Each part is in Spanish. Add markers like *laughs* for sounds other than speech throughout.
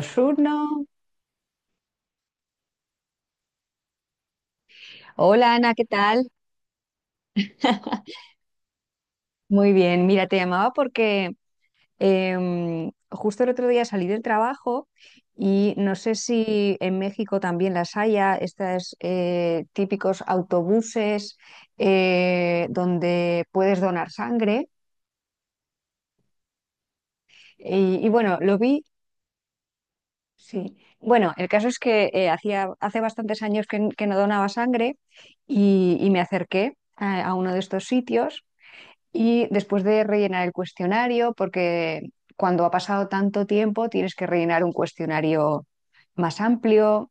Ayuno. Hola Ana, ¿qué tal? *laughs* Muy bien, mira, te llamaba porque justo el otro día salí del trabajo y no sé si en México también las haya, estos típicos autobuses donde puedes donar sangre. Y bueno, lo vi, sí. Bueno, el caso es que hace bastantes años que no donaba sangre y me acerqué a uno de estos sitios. Y después de rellenar el cuestionario, porque cuando ha pasado tanto tiempo tienes que rellenar un cuestionario más amplio,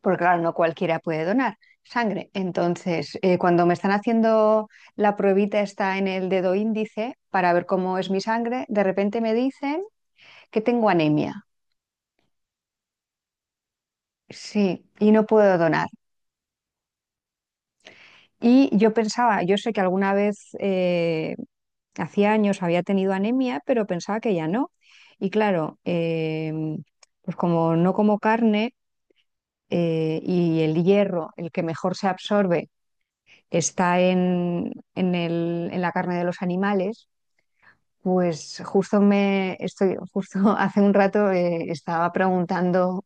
porque claro, no cualquiera puede donar sangre. Entonces, cuando me están haciendo la pruebita está en el dedo índice para ver cómo es mi sangre, de repente me dicen que tengo anemia. Sí, y no puedo donar. Y yo pensaba, yo sé que alguna vez hacía años había tenido anemia, pero pensaba que ya no. Y claro, em, pues como no como carne, y el hierro, el que mejor se absorbe, está en la carne de los animales. Pues justo justo *laughs* hace un rato estaba preguntando,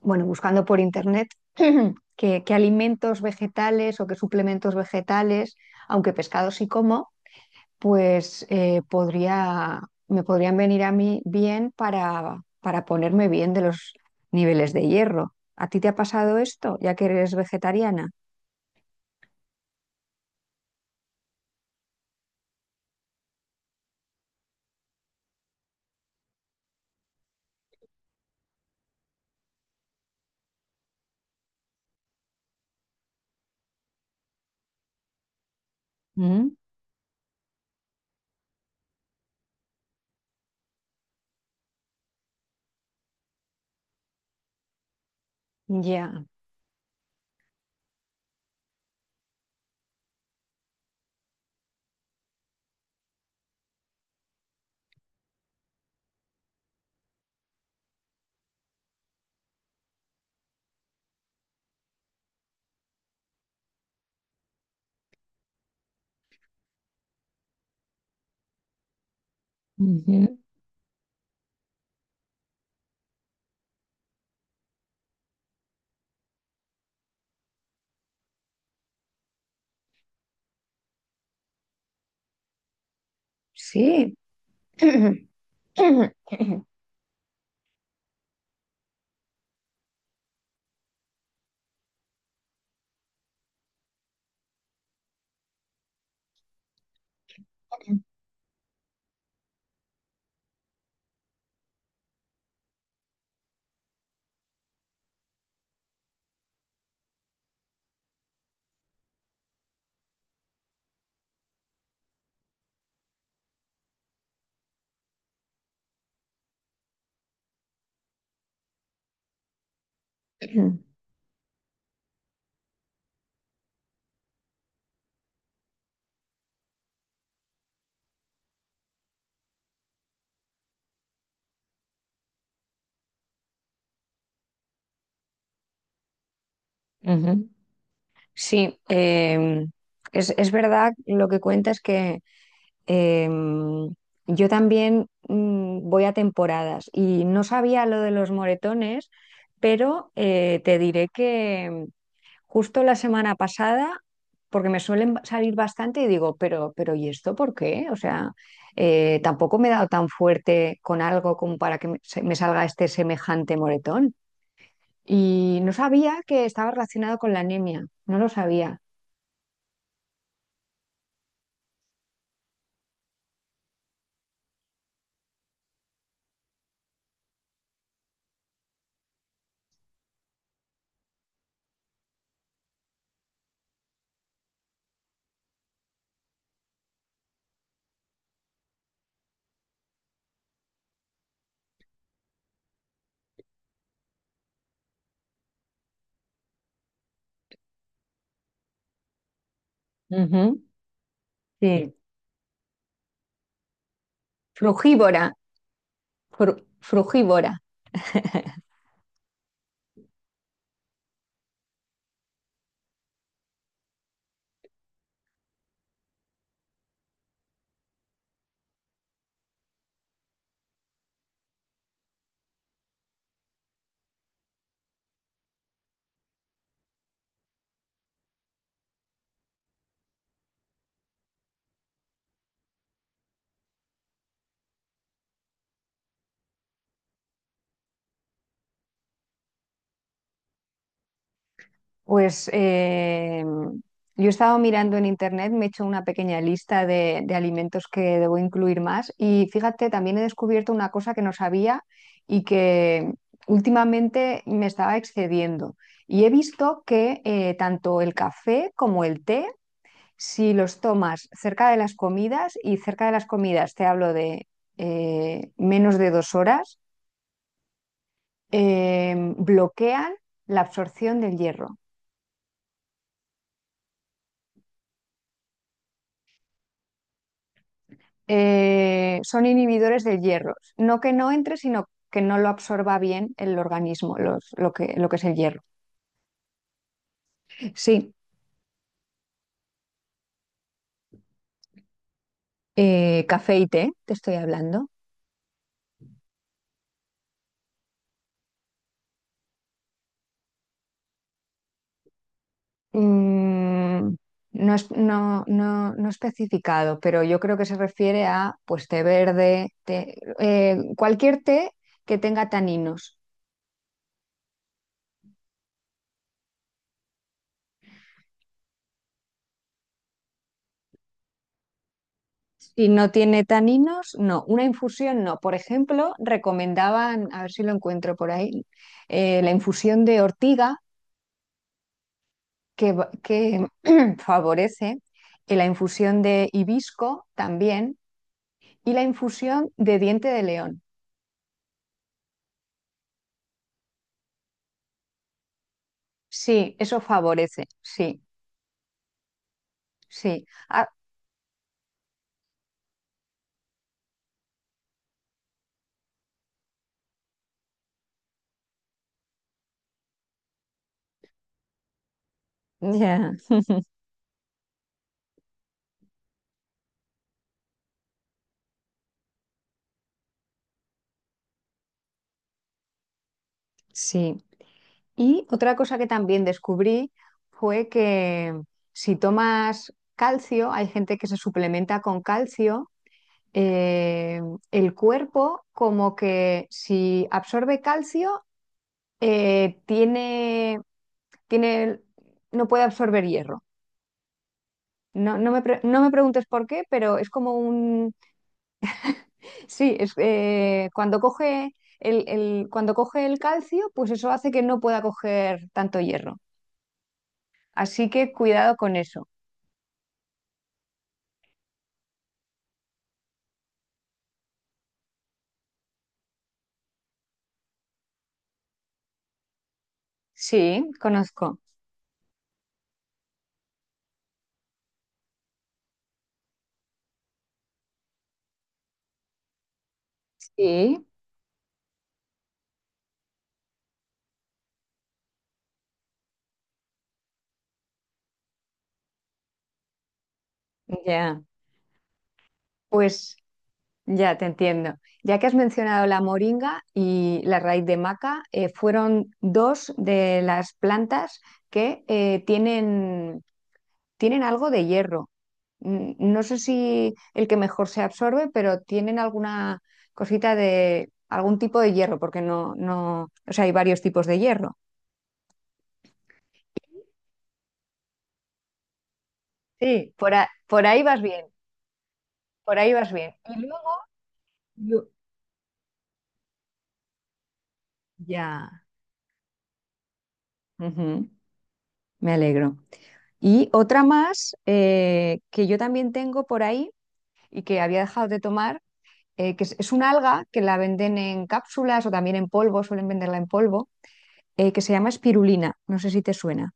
bueno, buscando por internet *clears throat* qué alimentos vegetales o qué suplementos vegetales, aunque pescado sí como, pues me podrían venir a mí bien para ponerme bien de los niveles de hierro. ¿A ti te ha pasado esto, ya que eres vegetariana? Mm. Ya. Ujú. Sí. *clears throat* Ujú. Sí, es verdad lo que cuentas que Em, yo también voy a temporadas y no sabía lo de los moretones, pero te diré que justo la semana pasada, porque me suelen salir bastante y digo, pero, ¿pero y esto por qué? O sea, tampoco me he dado tan fuerte con algo como para que me salga este semejante moretón. Y no sabía que estaba relacionado con la anemia, no lo sabía. Ujú. Sí, frugívora, frugívora. Pues yo he estado mirando en internet, me he hecho una pequeña lista de alimentos que debo incluir más y fíjate, también he descubierto una cosa que no sabía y que últimamente me estaba excediendo. Y he visto que tanto el café como el té, si los tomas cerca de las comidas y cerca de las comidas, te hablo de menos de 2 horas, bloquean la absorción del hierro. Son inhibidores del hierro. No que no entre, sino que no lo absorba bien el organismo, lo que es el hierro. Sí, café y té, te estoy hablando. Mm, no es, no, no, no especificado, pero yo creo que se refiere a, pues, té verde, cualquier té que tenga taninos. Si no tiene taninos, no. Una infusión, no. Por ejemplo, recomendaban, a ver si lo encuentro por ahí, la infusión de ortiga que *clears throat* favorece, la infusión de hibisco también y la infusión de diente de león. Sí, eso favorece, sí, sí. Ah, ya, sí. Y otra cosa que también descubrí fue que si tomas calcio, hay gente que se suplementa con calcio, eh, el cuerpo como que si absorbe calcio, tiene, tiene, no puede absorber hierro. No, no me preguntes por qué, pero es como un... Sí, es, cuando coge el calcio, pues eso hace que no pueda coger tanto hierro. Así que cuidado con eso. Sí, conozco. Sí, ya. Pues ya te entiendo. Ya que has mencionado la moringa y la raíz de maca, fueron dos de las plantas que tienen algo de hierro. No sé si el que mejor se absorbe, pero tienen alguna cosita de algún tipo de hierro, porque no, no, o sea, hay varios tipos de hierro. Sí. Por ahí vas bien, por ahí vas bien. Y luego, yo- ya. Ujú, me alegro. Y otra más, que yo también tengo por ahí y que había dejado de tomar, que es una alga que la venden en cápsulas o también en polvo, suelen venderla en polvo, que se llama espirulina. No sé si te suena.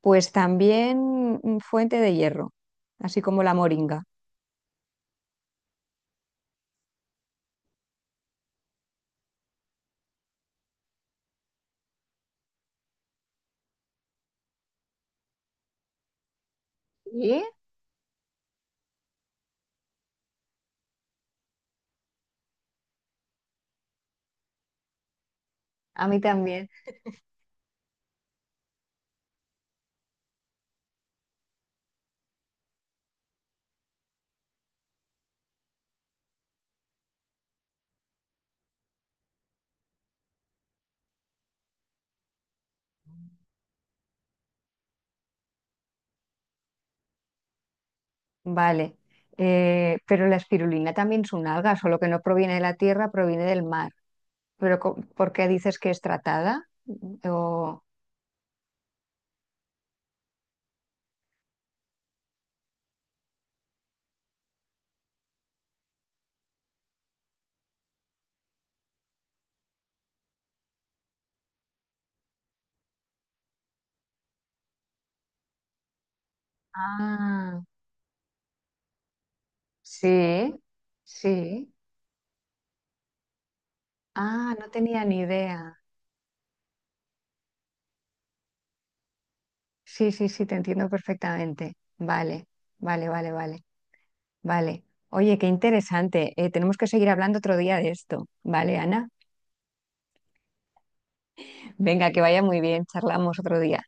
Pues también, fuente de hierro, así como la moringa. ¿Y? A mí también. Vale. Pero la espirulina también es un alga, solo que no proviene de la tierra, proviene del mar. Pero ¿por qué dices que es tratada? Mm. Ah, sí, sí. Ah, no tenía ni idea. Sí, sí, sí, te entiendo perfectamente. Vale, vale, vale, vale, vale. Oye, qué interesante. Tenemos que seguir hablando otro día de esto. Vale, Ana. Venga, que vaya muy bien, charlamos otro día.